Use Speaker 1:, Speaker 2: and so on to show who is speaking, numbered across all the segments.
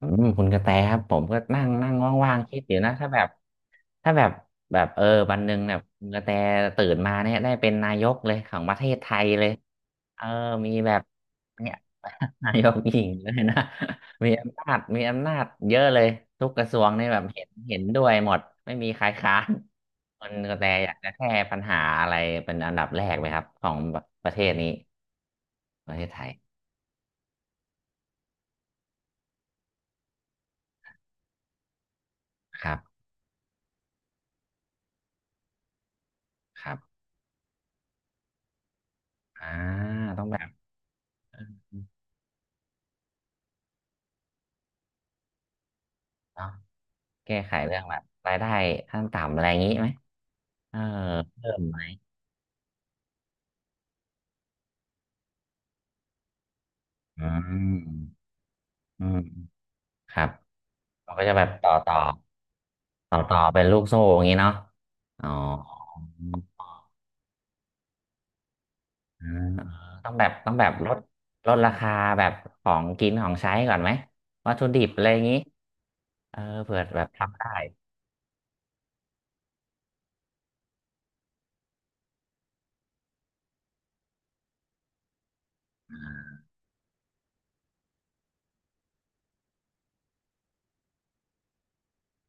Speaker 1: คุณกระแตครับผมก็นั่งนั่งว่างๆคิดอยู่นะถ้าแบบถ้าแบบแบบเออวันหนึ่งเนี่ยคุณกระแตตื่นมาเนี่ยได้เป็นนายกเลยของประเทศไทยเลยอมีแบบเนี่ย นายกหญิงเลยนะ มีอำนาจเยอะเลยทุกกระทรวงนี่แบบเห็นด้วยหมดไม่มีใครค้านคุณกระแตอยากจะแก้ปัญหาอะไรเป็นอันดับแรกไหมครับของประเทศนี้ประเทศไทยครับครับอ่าต้องแบบ แก้ไขเรื่องแบบรายได้ขั้นต่ำอะไรอย่างนี้ไหมเออเพิ่มไหมอืมอืมครับมันก็จะแบบต่อเป็นลูกโซ่อย่างนี้เนาะอ๋อเอออต้องแบบลดราคาแบบของกินของใช้ก่อนไหมวัตถุดิบอะไรอย่างนี้เผื่อแบบทำได้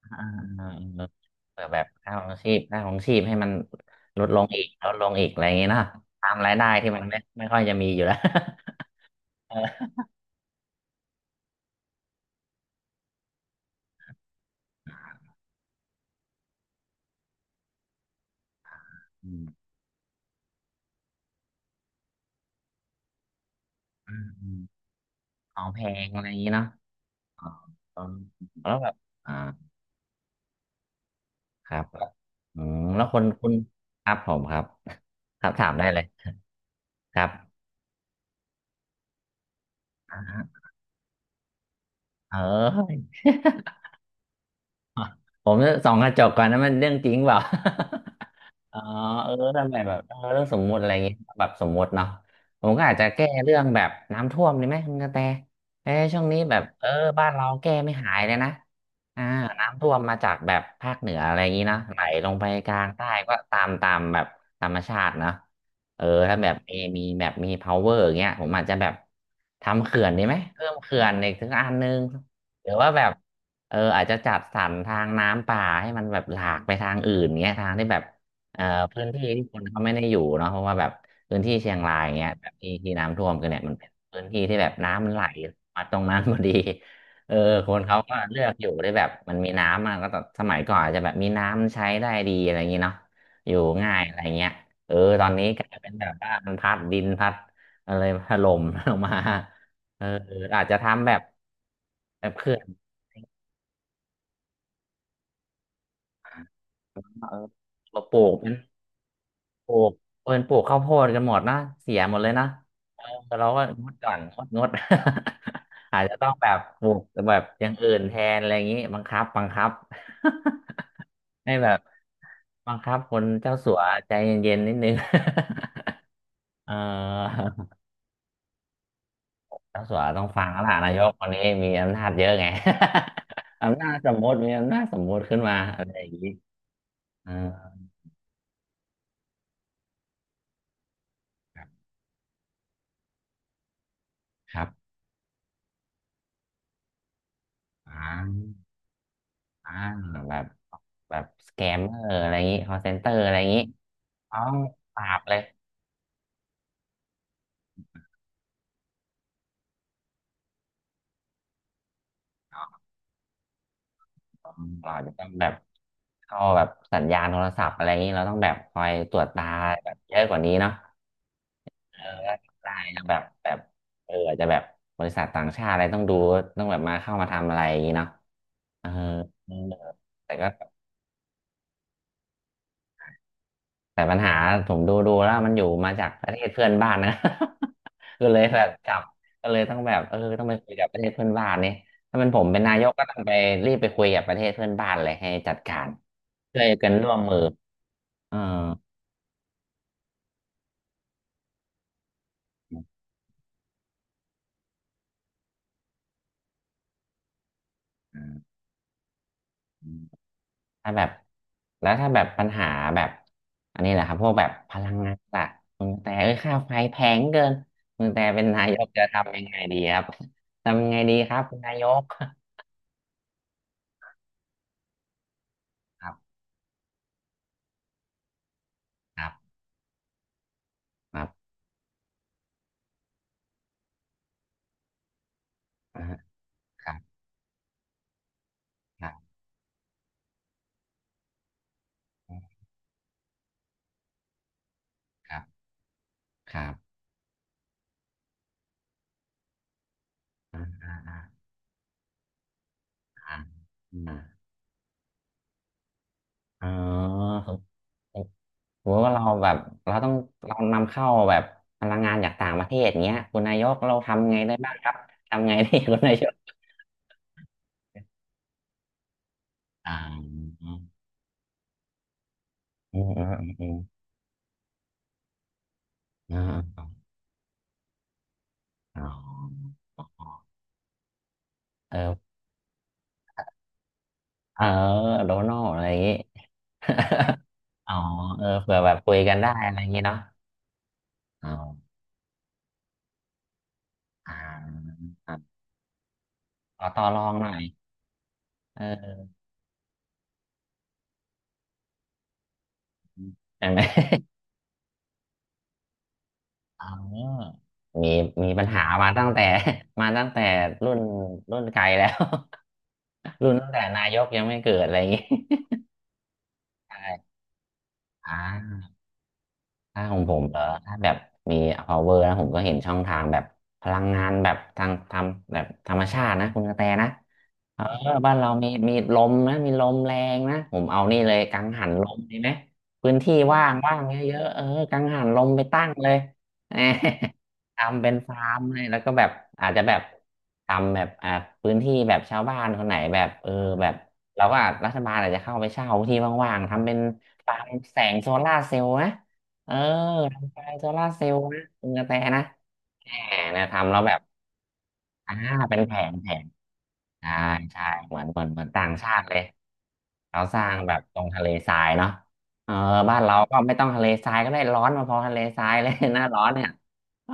Speaker 1: อ่าอ่าอ่าเผื่อแบบค่าของชีพให้มันลดลงอีกอะไรอย่างนี้เนาะตามรายได้ที่มันไม่ค่อยจะมีอยู่แล้ว เออ อืมอืมของแพงอะไรอย่างนี้เนาะอ๋ออืมแล้วแบบ อ่าครับอืมแล้วคนคุณครับผมครับครับถามได้เลย ครับอ่าเออ ผมจะส่องกระจกก่อนนะมันเรื่องจริงเปล่า อ๋อทำไมแบบเรื่องสมมุติอะไรเงี้ยแบบสมมุติเนาะผมก็อาจจะแก้เรื่องแบบน้ำท่วมดีไหมคุณกระแตเอ้ช่วงนี้แบบบ้านเราแก้ไม่หายเลยนะอ่าน้ำท่วมมาจากแบบภาคเหนืออะไรอย่างนี้เนาะไหลลงไปกลางใต้ก็ตามแบบธรรมชาติเนาะเออถ้าแบบมี power อย่างเงี้ยผมอาจจะแบบทำเขื่อนดีไหมเพิ่มเขื่อนอีกถึงอันนึงหรือว่าแบบอาจจะจัดสรรทางน้ำป่าให้มันแบบหลากไปทางอื่นเงี้ยทางที่แบบ เอ่อพื้นที่ที่คนเขาไม่ได้อยู่เนาะเพราะว่าแบบพื้นที่เชียงรายอย่างเงี้ยแบบที่น้ำท่วมกันเนี่ยมันเป็นพื้นที่ที่แบบน้ำมันไหลมาตรงนั้นพอดี เออคนเขาก็เลือกอยู่ที่แบบมันมีน้ำอะก็ต้องสมัยก่อนอาจจะแบบมีน้ำใช้ได้ดีอะไรอย่างเงี้เนาะอยู่ง่ายอะไรเงี้ยเออตอนนี้กลายเป็นแบบว่ามันพัดดินพัดอะไรถล่ม ลงมาเอออาจจะทำแบบเขื่อนเออปลูกเป็น ปลูกปลูกข้าวโพดกันหมดนะเสียหมดเลยนะเออเราก็งดก่อนงด อาจจะต้องแบบปลูกแบบอย่างอื่นแทนอะไรอย่างนี้บังคับ ให้แบบบังคับคนเจ้าสัวใจเย็นๆนิดนึง เออเจ้าสัวต้องฟังแล้วล่ะนายกคนนี้มีอำนาจเยอะไง อำนาจสมมติมีอำนาจสมมติขึ้นมาอะไรอย่างนี้เออครับครับอ่า อ่าแบบสแกมเมอร์อะไรอย่างนี้คอลเซ็นเตอร์อะไรอย่างนี้เอาปราบเลยอืมเราอจะต้องแบบเข้าแบบสัญญาณโทรศัพท์อะไรอย่างนี้เราต้องแบบคอยตรวจตาแบบเยอะกว่านี้เนาะเออแล้วได้นะแบบอาจจะแบบบริษัทต่างชาติอะไรต้องดูต้องแบบมาเข้ามาทำอะไรอย่างนี้เนาะเออเออแต่ก็ แต่ปัญหาผมดูแล้วมันอยู่มาจากประเทศเพื่อนบ้านนะ ก็เลยแบบจับก็เลยต้องแบบต้องไปคุยกับประเทศเพื่อนบ้านนี่ถ้ามันผมเป็นนายกก็ต้องไปรีบไปคุยกับประเทศเพื่อนบ้านเลยให้จัดการช่วยกันร่วมมือเอออืมถ้าแบบแล้วถ้าแบบปัญหาแบบอันนี้แหละครับพวกแบบพลังงานอะคุณแต่เอ้ยค่าไฟแพงเกินคุณแต่เป็นนายกจะทำยังไงดีครับทำยังไงดีครับคุณนายก ครับครับครับอ่าครับครับ ครับครับอ่าอ่าอ่าอ่าอืมเอ๋อถือว่าเราแบบเราต้องเรานำเข้าแบบพลังงานจากต่างประเทศเนี้ยคุณนายกเราทำไงได้บ้างครับทำไงดี คุณนายกอ่าอืมอืมอืมอืมอ่าอ๋อเออเออโดนัลอะไรอย่างงี้อ๋อ เออเผื่อแบบคุยกันได้อะไรอย่างงี้เนาะอ๋ออ่าอ่าขอต่อรองหน่อยเออใช่ไหม อ๋อมีมีปัญหามาตั้งแต่ มาตั้งแต่รุ่นรุ่นไกลแล้ว รุ่นตั้งแต่นายกยังไม่เกิดอะไรอย่างงี้ ใช่อ่า ถ้าของผมเหรอถ้าแบบมี power นะผมก็เห็นช่องทางแบบพลังงานแบบทางทำแบบธรรมชาตินะคุณกระแตนะเออบ้านเรามีลมนะมีลมแรงนะผมเอานี่เลยกังหันลมดีไหมพื้นที่ว่างว่างเยอะๆกังหันลมไปตั้งเลย แหมทำเป็นฟาร์มเลยแล้วก็แบบอาจจะแบบทำแบบพื้นที่แบบชาวบ้านคนไหนแบบแบบเราก็อาจรัฐบาลอาจจะเข้าไปเช่าที่ว่างๆทำเป็นฟาร์มแสงโซลาร์เซลล์นะ เออทำไฟโซลาร์เซลล์นะคุณกระแตนะแหมเนี่ยทำแล้วแบบอ่าเป็นแผงแผงใช่ใช่เหมือนต่างชาติเลยเราสร้างแบบตรงทะเลทรายเนาะเออบ้านเราก็ไม่ต้องทะเลทรายก็ได้ร้อนมาพอทะเลทรายเลย หน้าร้อนเนี่ยเออ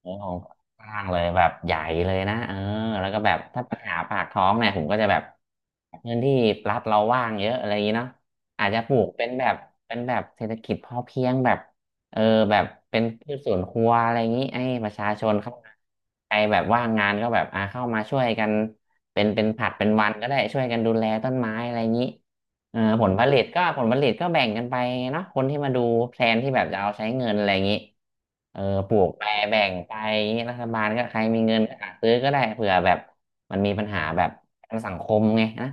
Speaker 1: ของกว้างเลยแบบใหญ่เลยนะแล้วก็แบบถ้าปัญหาปากท้องเนี่ยผมก็จะแบบเงินที่รัฐเราว่างเยอะอะไรอย่างนี้เนาะอาจจะปลูกเป็นแบบเป็นแบบเศรษฐกิจพอเพียงแบบเออแบบเป็นพืชสวนครัวอะไรอย่างนี้ไอ้ประชาชนเข้ามาใครแบบว่างงานก็แบบเข้ามาช่วยกันเป็นเป็นผัดเป็นวันก็ได้ช่วยกันดูแลต้นไม้อะไรอย่างนี้ ผลผลิตก็แบ่งกันไปเนาะคนที่มาดูแพลนที่แบบจะเอาใช้เงินอะไรอย่างนี้เออปลูกไปแบ่งไปรัฐบาลก็ใครมีเงินก็อ่ะซื้อก็ได้เผื่อแบบมันมีปัญหาแบบประกันสังคมไงนะ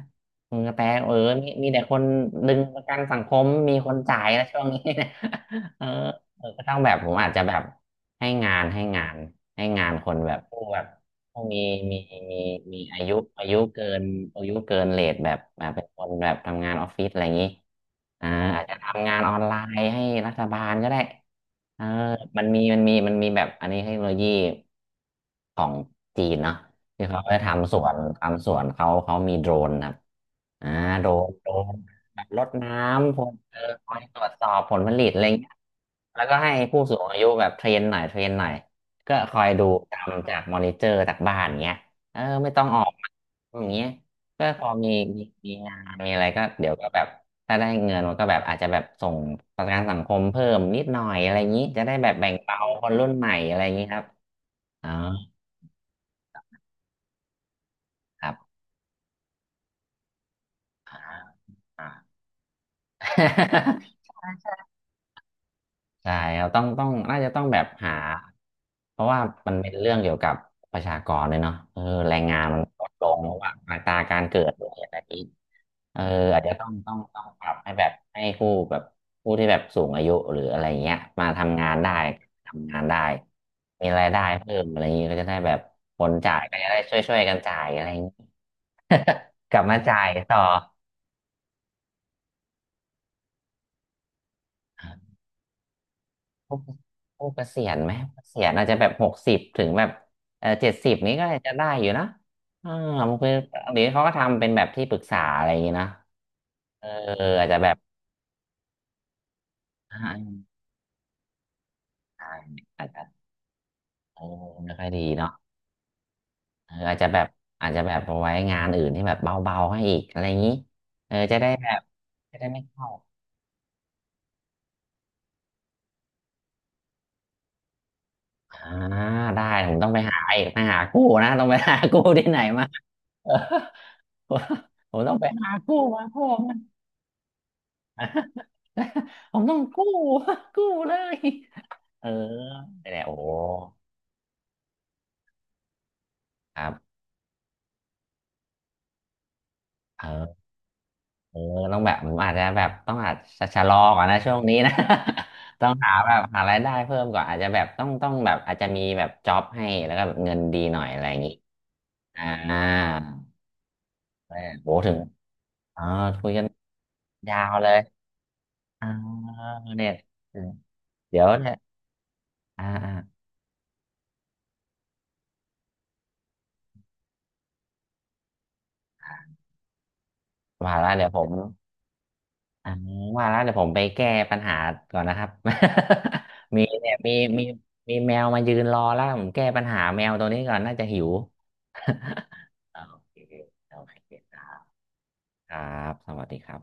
Speaker 1: คุณกระแตเออมีแต่คนดึงประกันสังคมมีคนจ่ายนะช่วงนี้ นะเออก็ต้องแบบผมอาจจะแบบให้งานให้งานให้งานคนแบบผู้แบบ ต้องมีมีมีอายุเกินอายุเกินเลทแบบแบบเป็นคนแบบทำงานออฟฟิศอะไรอย่างนี้ อ่าอาจจะทำงานออนไลน์ให้รัฐบาลก็ได้เออมันมีแบบอันนี้เทคโนโลยีของจีนเนาะที่เขาไปทำสวนเขามีโดรนครับอ่าโดรนแบบรดน้ำพลคอยตรวจสอบผลผลิตอะไรเงี้ยแล้วก็ให้ผู้สูงอายุแบบเทรนหน่อยเทรนหน่อยก็คอยดูตามจากมอนิเตอร์จากบ้านเงี้ยไม่ต้องออกมาอย่างเงี้ยก็พอมีมีงานมีอะไรก็เดี๋ยวก็แบบ ถ้าได้เงินมันก็แบบอาจจะแบบส่งประกันสังคมเพิ่มนิดหน่อยอะไรอย่างนี้จะได้แบบแบ่งเบาคนรุ่นใหม่อะไรอย่างนี้ครับอ๋อครับอ่า ใช่ครับต้องน่าจะต้องแบบหาเพราะว่ามันเป็นเรื่องเกี่ยวกับประชากรเลยเนาะแรงงานมันลดลงเพราะว่าอัตราการเกิดด้วยอะไรนี้เอออาจจะต้องปรับให้แบบให้ผู้แบบผู้ที่แบบสูงอายุหรืออะไรเงี้ยมาทำงานได้ทำงานได้มีรายได้เพิ่มอะไรอย่างนี้ก็จะได้แบบคนจ่ายก็จะได้ช่วยๆกันจ่ายอะไรอย่างนี้ กลับมาจ่ายต่อ ผู้ผู้เกษียณไหมเกษียณอาจจะแบบ60ถึงแบบ70นี้ก็อาจจะได้อยู่นะอ่ามันคือบหรือเขาก็ทำเป็นแบบที่ปรึกษาอะไรอย่างนี้นะเอออาจจะแบบอ่าอาจจะเออไม่ค่อยดีเนาะอาจจะแบบอาจจะแบบเอาไว้งานอื่นที่แบบเบาๆให้อีกอะไรอย่างนี้จะได้แบบจะได้ไม่เข้าอ่าได้ผมต้องไปหาอีกไปหากู้นะต้องไปหากู้ที่ไหนมาเออผมผมต้องไปหากู้มาเพิ่มนะ ผมต้องกู้ กู้เลยเออเนี่ยโอ้ครับเออเออต้องแบบผมอาจจะแบบต้องอาจจะชะลอก่อนนะช่วงนี้นะ ต้องหาแบบหารายได้เพิ่มก่อนอาจจะแบบต้องแบบอาจจะมีแบบจ็อบให้แล้วก็แบบเงินดีหน่อยอะไรอย่างนี้อ่าเออโหถึงอ๋อคุยกันยาวเลยอ่าเนี่ยเดี๋ยวเนี่ยอ่าอ่าว่าแล้วเดี๋ยวผม อ่าว่าแล้วเดี๋ยวผมไปแก้ปัญหาก่อนนะครับ มีเนี่ยมีมีแมวมายืนรอแล้วผมแก้ปัญหาแมวตัวนี้ก่อนน่าจะหิว โอเคโอเคครับสวัสดีครับ